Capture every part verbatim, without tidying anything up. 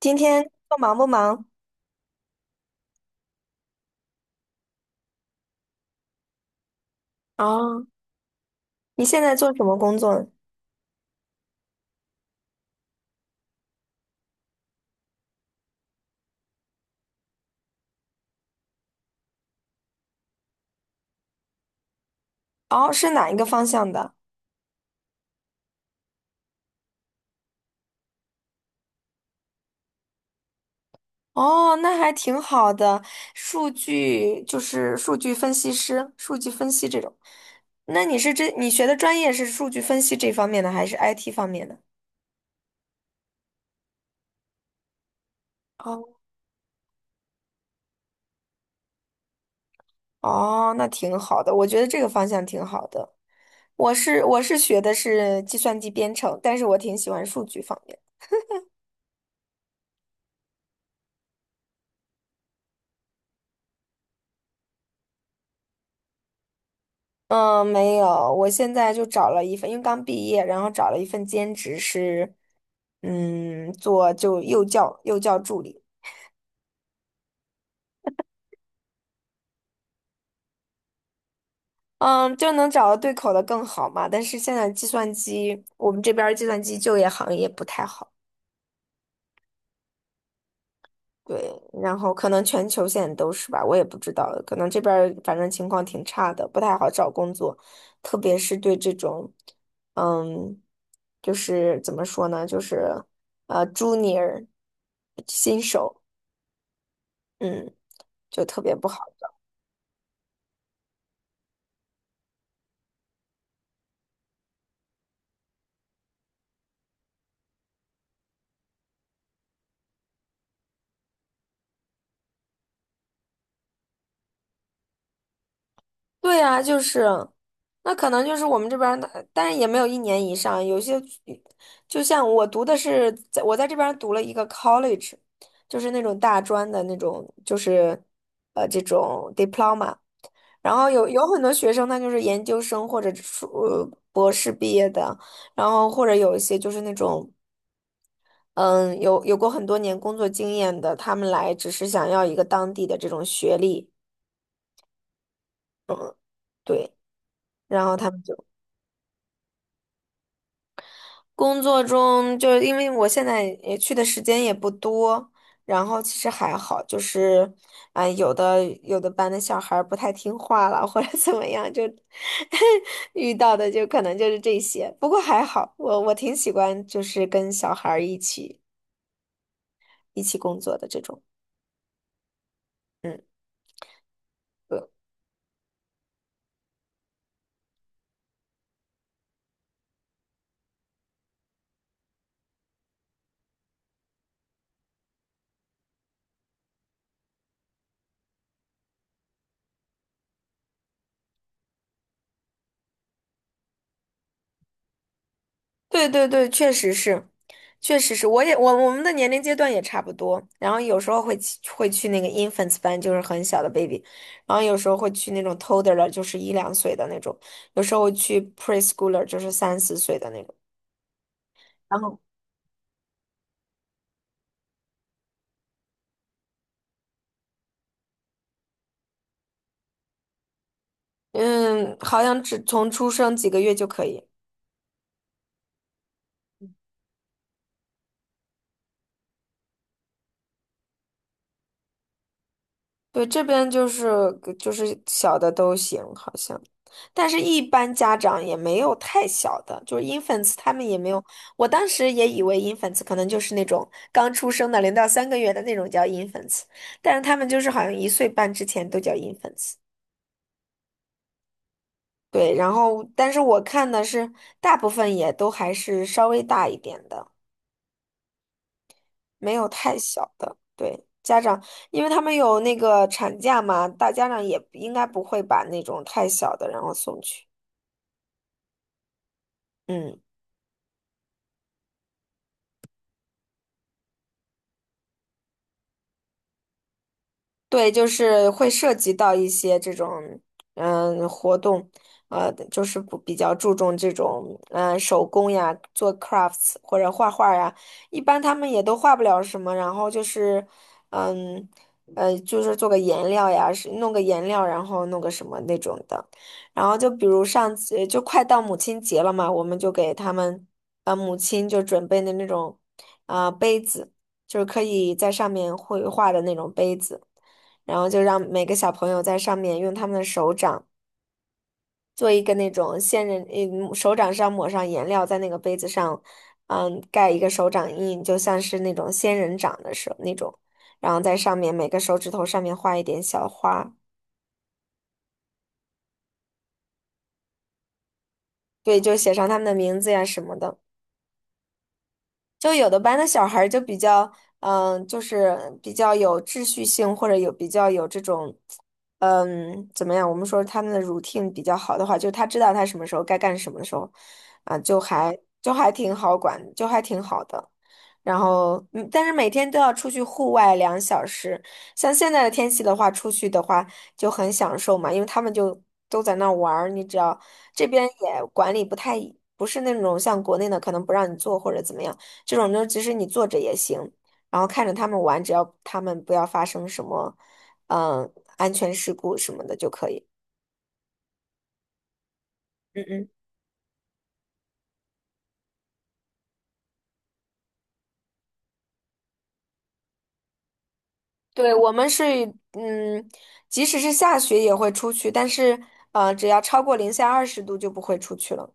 今天工作忙不忙？啊？你现在做什么工作呢？哦，是哪一个方向的？哦，那还挺好的，数据就是数据分析师、数据分析这种。那你是这你学的专业是数据分析这方面的，还是 I T 方面的？哦，哦，那挺好的，我觉得这个方向挺好的。我是我是学的是计算机编程，但是我挺喜欢数据方面。嗯，没有，我现在就找了一份，因为刚毕业，然后找了一份兼职是，嗯，做就幼教幼教助理，嗯，就能找到对口的更好嘛。但是现在计算机，我们这边儿计算机就业行业不太好。对，然后可能全球现在都是吧，我也不知道，可能这边儿反正情况挺差的，不太好找工作，特别是对这种，嗯，就是怎么说呢，就是呃，junior 新手。嗯，就特别不好。对啊，就是，那可能就是我们这边儿的，但是也没有一年以上，有些，就像我读的是，在我在这边儿读了一个 college，就是那种大专的那种，就是，呃，这种 diploma，然后有有很多学生他就是研究生或者是呃博士毕业的，然后或者有一些就是那种。嗯，有有过很多年工作经验的，他们来只是想要一个当地的这种学历，对。然后他们就。工作中就是因为我现在也去的时间也不多，然后其实还好，就是，啊、有的有的班的小孩儿不太听话了，或者怎么样，就 遇到的就可能就是这些。不过还好，我我挺喜欢就是跟小孩儿一起一起工作的这种。对对对，确实是，确实是，我也我我们的年龄阶段也差不多，然后有时候会去会去那个 infants 班，就是很小的 baby，然后有时候会去那种 toddler，就是一两岁的那种，有时候会去 preschooler，就是三四岁的那种，然后嗯，好像只从出生几个月就可以。对，这边就是就是小的都行，好像，但是一般家长也没有太小的，就是 infants 他们也没有。我当时也以为 infants 可能就是那种刚出生的零到三个月的那种叫 infants，但是他们就是好像一岁半之前都叫 infants。对，然后但是我看的是大部分也都还是稍微大一点的。没有太小的，对，家长，因为他们有那个产假嘛，大家长也应该不会把那种太小的然后送去。嗯。对，就是会涉及到一些这种嗯活动，呃，就是不比较注重这种嗯手工呀，做 crafts 或者画画呀，一般他们也都画不了什么，然后就是嗯呃，就是做个颜料呀，是弄个颜料，然后弄个什么那种的，然后就比如上次就快到母亲节了嘛，我们就给他们呃母亲就准备的那种啊、呃杯子，就是可以在上面绘画的那种杯子。然后就让每个小朋友在上面用他们的手掌做一个那种仙人，嗯，手掌上抹上颜料，在那个杯子上，嗯，盖一个手掌印，就像是那种仙人掌的手那种，然后在上面每个手指头上面画一点小花，对，就写上他们的名字呀什么的。就有的班的小孩儿就比较，嗯，就是比较有秩序性，或者有比较有这种，嗯，怎么样？我们说他们的 routine 比较好的话，就他知道他什么时候该干什么的时候，啊，就还就还挺好管，就还挺好的。然后，嗯，但是每天都要出去户外两小时，像现在的天气的话，出去的话就很享受嘛，因为他们就都在那儿玩儿，你只要这边也管理不太，不是那种像国内的可能不让你做或者怎么样。这种就其实你坐着也行，然后看着他们玩，只要他们不要发生什么，嗯，安全事故什么的就可以。嗯嗯，对，我们是，嗯，即使是下雪也会出去，但是呃，只要超过零下二十度就不会出去了。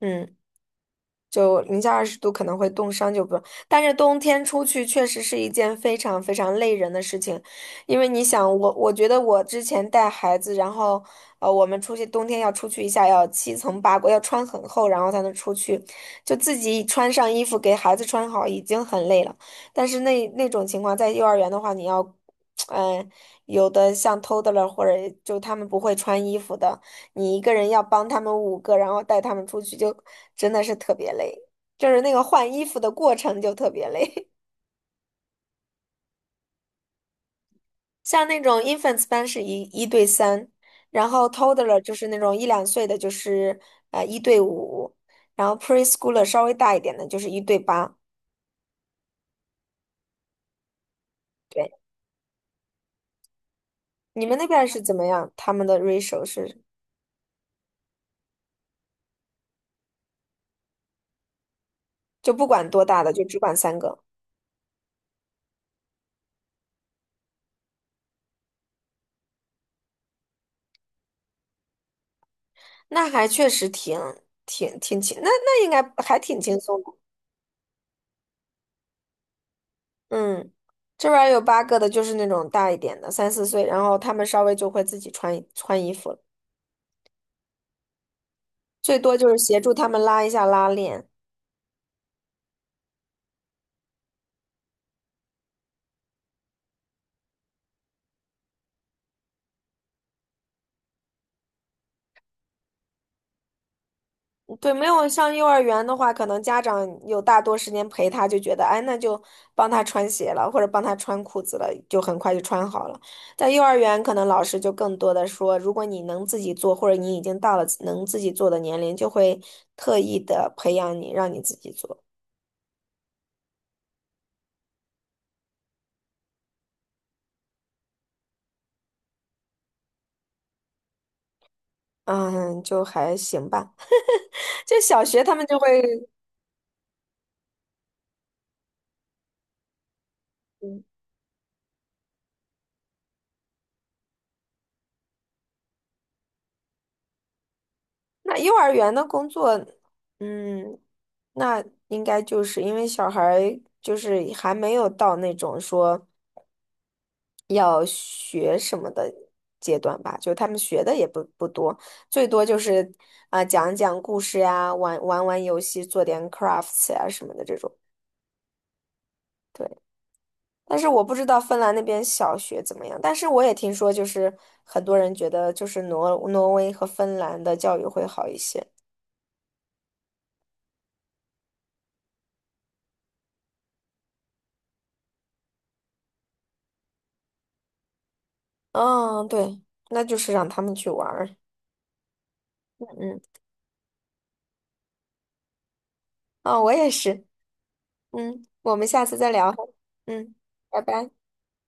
嗯。就零下二十度可能会冻伤，就不用。但是冬天出去确实是一件非常非常累人的事情，因为你想，我我觉得我之前带孩子，然后呃，我们出去冬天要出去一下，要七层八裹，要穿很厚，然后才能出去，就自己穿上衣服给孩子穿好已经很累了。但是那那种情况，在幼儿园的话，你要，嗯、有的像偷的了，或者就他们不会穿衣服的。你一个人要帮他们五个，然后带他们出去，就真的是特别累，就是那个换衣服的过程就特别累。像那种 infants 班是一一对三，然后 toddler 就是那种一两岁的，就是呃一对五，然后 preschooler 稍微大一点的，就是一对八。对，你们那边是怎么样？他们的 ratio 是就不管多大的，就只管三个，那还确实挺挺挺轻，那那应该还挺轻松的。嗯，这边儿有八个的，就是那种大一点的，三四岁，然后他们稍微就会自己穿穿衣服了，最多就是协助他们拉一下拉链。对，没有上幼儿园的话，可能家长有大多时间陪他，就觉得哎，那就帮他穿鞋了，或者帮他穿裤子了，就很快就穿好了。在幼儿园，可能老师就更多的说，如果你能自己做，或者你已经到了能自己做的年龄，就会特意的培养你，让你自己做。嗯，就还行吧。就小学他们就会，那幼儿园的工作，嗯，那应该就是因为小孩儿就是还没有到那种说要学什么的阶段吧，就他们学的也不不多，最多就是啊、讲讲故事呀，玩玩玩游戏，做点 crafts 呀什么的这种。对。但是我不知道芬兰那边小学怎么样，但是我也听说，就是很多人觉得就是挪挪威和芬兰的教育会好一些。嗯，对，那就是让他们去玩儿。嗯，啊，我也是。嗯，我们下次再聊。嗯，拜拜。